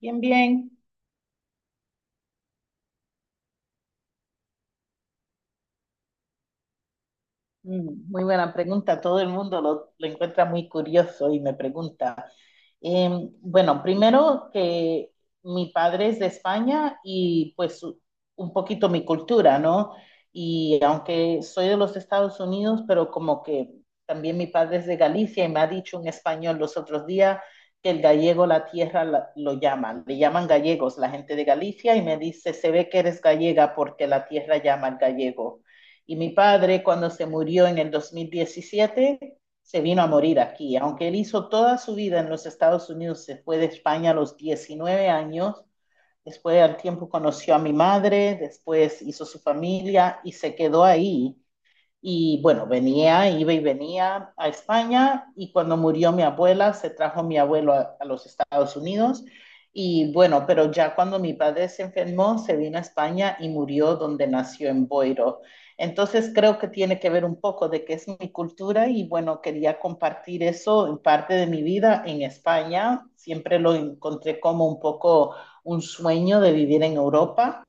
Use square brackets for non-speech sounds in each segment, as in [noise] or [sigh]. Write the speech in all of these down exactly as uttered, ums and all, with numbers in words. Bien, bien. Mm, Muy buena pregunta. Todo el mundo lo, lo encuentra muy curioso y me pregunta. Em, bueno, primero que mi padre es de España y pues u- un poquito mi cultura, ¿no? Y aunque soy de los Estados Unidos, pero como que también mi padre es de Galicia y me ha dicho un español los otros días que el gallego la tierra la- lo llaman, le llaman gallegos la gente de Galicia y me dice, se ve que eres gallega porque la tierra llama al gallego. Y mi padre, cuando se murió en el dos mil diecisiete se vino a morir aquí. Aunque él hizo toda su vida en los Estados Unidos, se fue de España a los diecinueve años. Después al tiempo conoció a mi madre, después hizo su familia y se quedó ahí y bueno, venía, iba y venía a España y cuando murió mi abuela, se trajo mi abuelo a, a los Estados Unidos. Y bueno, pero ya cuando mi padre se enfermó, se vino a España y murió donde nació en Boiro. Entonces creo que tiene que ver un poco de qué es mi cultura y bueno, quería compartir eso en parte de mi vida en España. Siempre lo encontré como un poco un sueño de vivir en Europa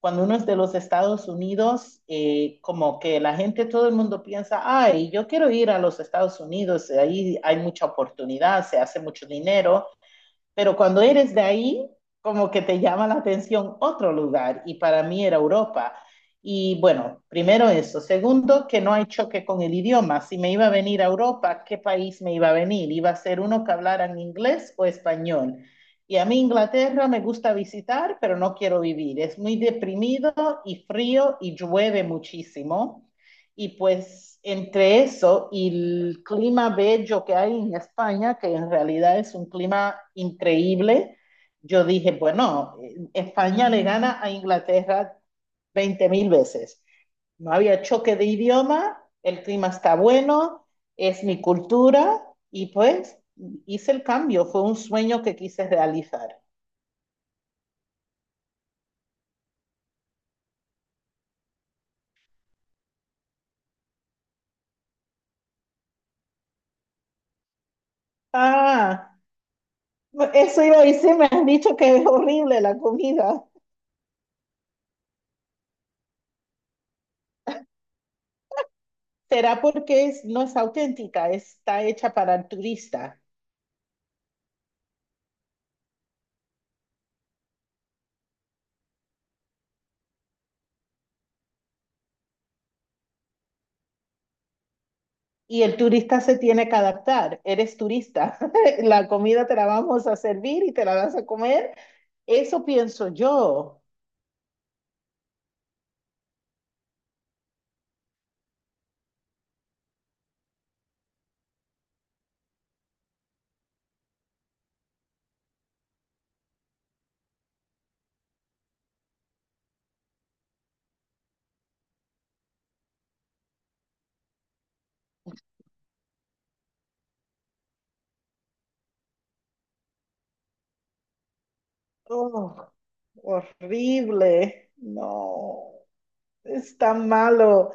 cuando uno es de los Estados Unidos, eh, como que la gente, todo el mundo piensa, ay, yo quiero ir a los Estados Unidos, ahí hay mucha oportunidad, se hace mucho dinero, pero cuando eres de ahí, como que te llama la atención otro lugar y para mí era Europa. Y bueno, primero eso. Segundo, que no hay choque con el idioma. Si me iba a venir a Europa, ¿qué país me iba a venir? ¿Iba a ser uno que hablaran inglés o español? Y a mí Inglaterra me gusta visitar, pero no quiero vivir. Es muy deprimido y frío y llueve muchísimo. Y pues entre eso y el clima bello que hay en España, que en realidad es un clima increíble, yo dije, bueno, eh, España le gana a Inglaterra veinte mil veces. No había choque de idioma, el clima está bueno, es mi cultura y pues hice el cambio, fue un sueño que quise realizar. Ah, eso iba a decir, me han dicho que es horrible la comida. Será porque es- no es auténtica, está hecha para el turista y el turista se tiene que adaptar. Eres turista, [laughs] la comida te la vamos a servir y te la vas a comer. Eso pienso yo. Oh, horrible. No. Está malo.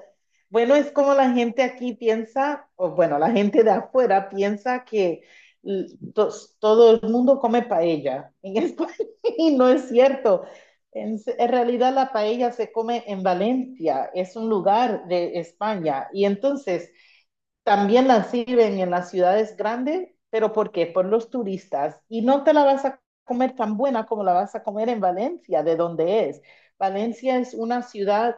Bueno, es como la gente aquí piensa, o bueno, la gente de afuera piensa que l- tos- todo el mundo come paella en España [laughs] y no es cierto. En, se- en realidad la paella se come en Valencia, es un lugar de España. Y entonces también la sirven en las ciudades grandes, pero ¿por qué? Por los turistas. Y no te la vas a comer tan buena como la vas a comer en Valencia, de donde es. Valencia es una ciudad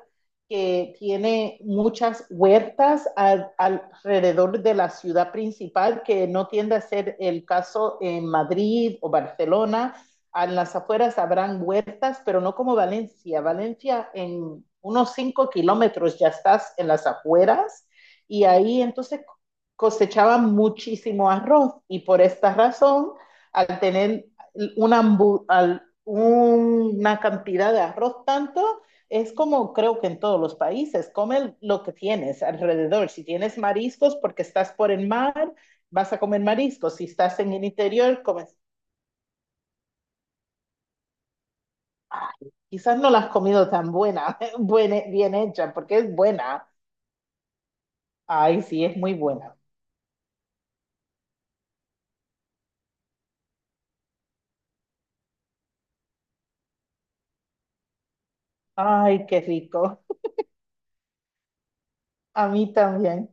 que tiene muchas huertas al- alrededor de la ciudad principal, que no tiende a ser el caso en Madrid o Barcelona. A las afueras habrán huertas, pero no como Valencia. Valencia en unos cinco kilómetros ya estás en las afueras y ahí entonces cosechaban muchísimo arroz y por esta razón, al tener una, una cantidad de arroz tanto, es como creo que en todos los países, come lo que tienes alrededor. Si tienes mariscos porque estás por el mar, vas a comer mariscos. Si estás en el interior, comes... Ay, quizás no la has comido tan buena, [laughs] buena, bien hecha, porque es buena. Ay, sí, es muy buena. Ay, qué rico. A mí también.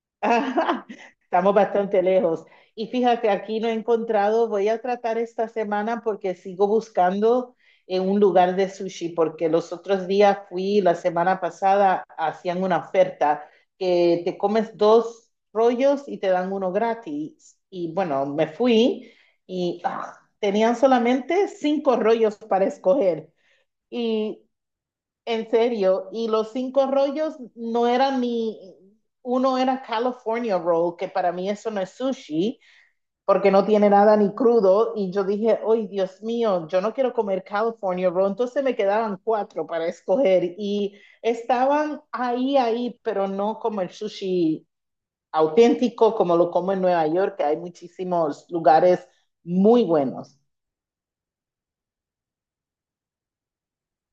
[laughs] Ajá. Estamos bastante lejos. Y fíjate, aquí no he encontrado, voy a tratar esta semana porque sigo buscando en un lugar de sushi, porque los otros días fui, la semana pasada, hacían una oferta que te comes dos rollos y te dan uno gratis. Y bueno, me fui y ah, tenían solamente cinco rollos para escoger. Y en serio, y los cinco rollos no eran ni, uno era California Roll, que para mí eso no es sushi, porque no tiene nada ni crudo, y yo dije, ay, Dios mío, yo no quiero comer California Roll, entonces me quedaban cuatro para escoger, y estaban ahí, ahí, pero no como el sushi auténtico, como lo como en Nueva York, que hay muchísimos lugares muy buenos,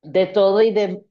de todo y de.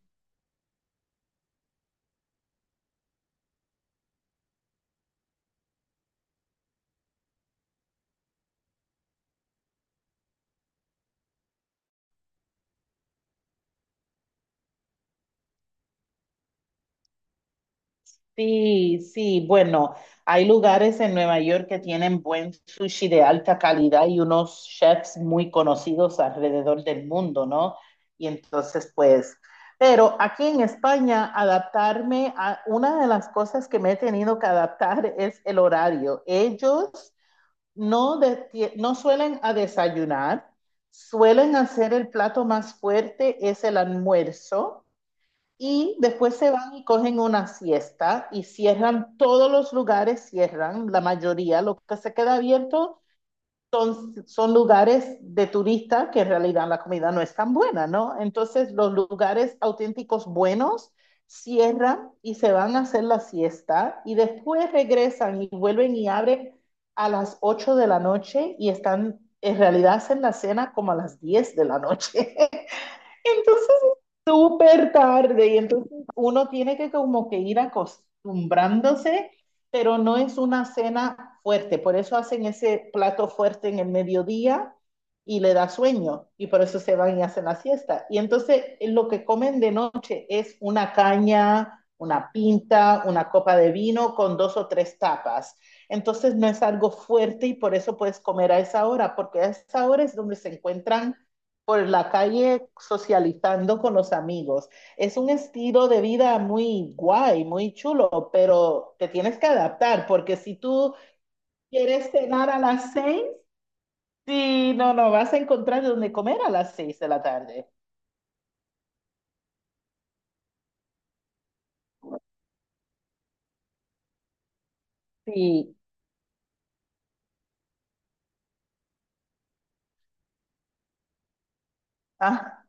Sí, sí. Bueno, hay lugares en Nueva York que tienen buen sushi de alta calidad y unos chefs muy conocidos alrededor del mundo, ¿no? Y entonces, pues, pero aquí en España, adaptarme a una de las cosas que me he tenido que adaptar es el horario. Ellos no, de- ti- no suelen a desayunar, suelen hacer el plato más fuerte, es el almuerzo. Y después se van y cogen una siesta y cierran todos los lugares, cierran la mayoría, lo que se queda abierto son, son lugares de turistas que en realidad la comida no es tan buena, ¿no? Entonces los lugares auténticos buenos cierran y se van a hacer la siesta y después regresan y vuelven y abren a las ocho de la noche y están, en realidad hacen la cena como a las diez de la noche. [laughs] Entonces es súper tarde y entonces uno tiene que como que ir acostumbrándose pero no es una cena fuerte. Por eso hacen ese plato fuerte en el mediodía y le da sueño y por eso se van y hacen la siesta. Y entonces eh, lo que comen de noche es una caña, una pinta, una copa de vino con dos o tres tapas. Entonces no es algo fuerte y por eso puedes comer a esa hora, porque a esa hora es donde se encuentran por la calle socializando con los amigos es un estilo de vida muy guay, muy chulo, pero te tienes que adaptar, porque si tú quieres cenar a las seis, sí, no, no, vas a encontrar donde comer a las seis de la tarde. Sí. Ah,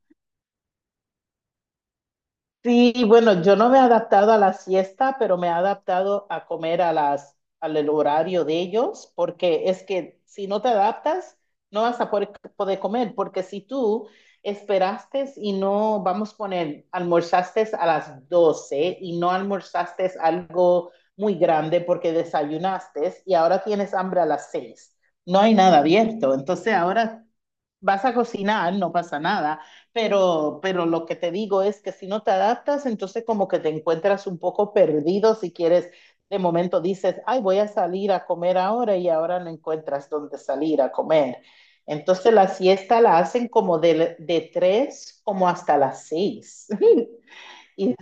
sí, bueno, yo no me he adaptado a la siesta, pero me he adaptado a comer a las, al el horario de ellos, porque es que si no te adaptas, no vas a poder, poder comer, porque si tú esperaste y no, vamos a poner, almorzaste a las doce y no almorzaste algo muy grande porque desayunaste y ahora tienes hambre a las seis, no hay nada abierto, entonces ahora vas a cocinar, no pasa nada, pero, pero lo que te digo es que si no te adaptas, entonces como que te encuentras un poco perdido si quieres, de momento dices, ay, voy a salir a comer ahora y ahora no encuentras dónde salir a comer. Entonces la siesta la hacen como de, de tres como hasta las seis. [laughs] Y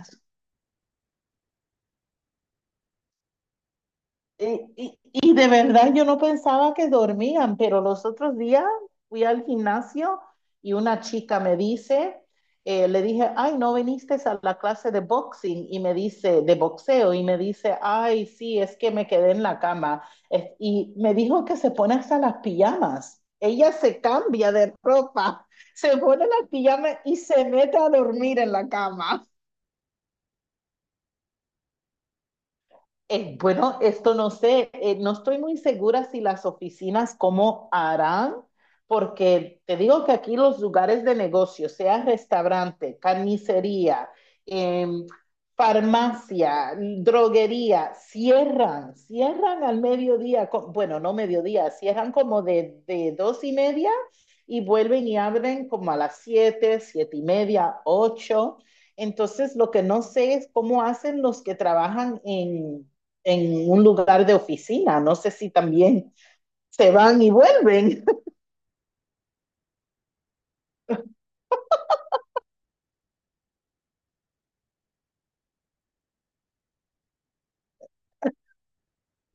Y, y- y de verdad yo no pensaba que dormían, pero los otros días fui al gimnasio y una chica me dice, eh, le dije, ay, no viniste a la clase de boxing y me dice, de boxeo, y me dice, ay, sí, es que me quedé en la cama. Es- y me dijo que se pone hasta las pijamas. Ella se cambia de ropa, [laughs] se pone las pijamas y se mete a dormir en la cama. Eh, bueno, esto no sé, eh, no estoy muy segura si las oficinas cómo harán, porque te digo que aquí los lugares de negocio, sea restaurante, carnicería, em, farmacia, droguería, cierran, cierran al mediodía, co- bueno, no mediodía, cierran como de, de dos y media y vuelven y abren como a las siete, siete y media, ocho. Entonces, lo que no sé es cómo hacen los que trabajan en en un lugar de oficina. No sé si también se van y vuelven. [laughs]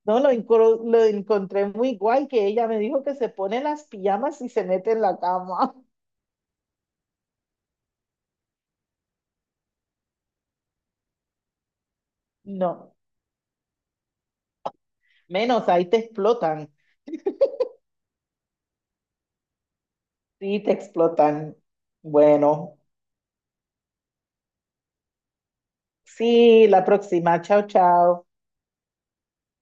No, lo, lo encontré muy igual que ella me dijo que se pone las pijamas y se mete en la cama. [laughs] No, menos ahí te explotan. Sí, te explotan. Bueno, sí, la próxima. Chao, chao.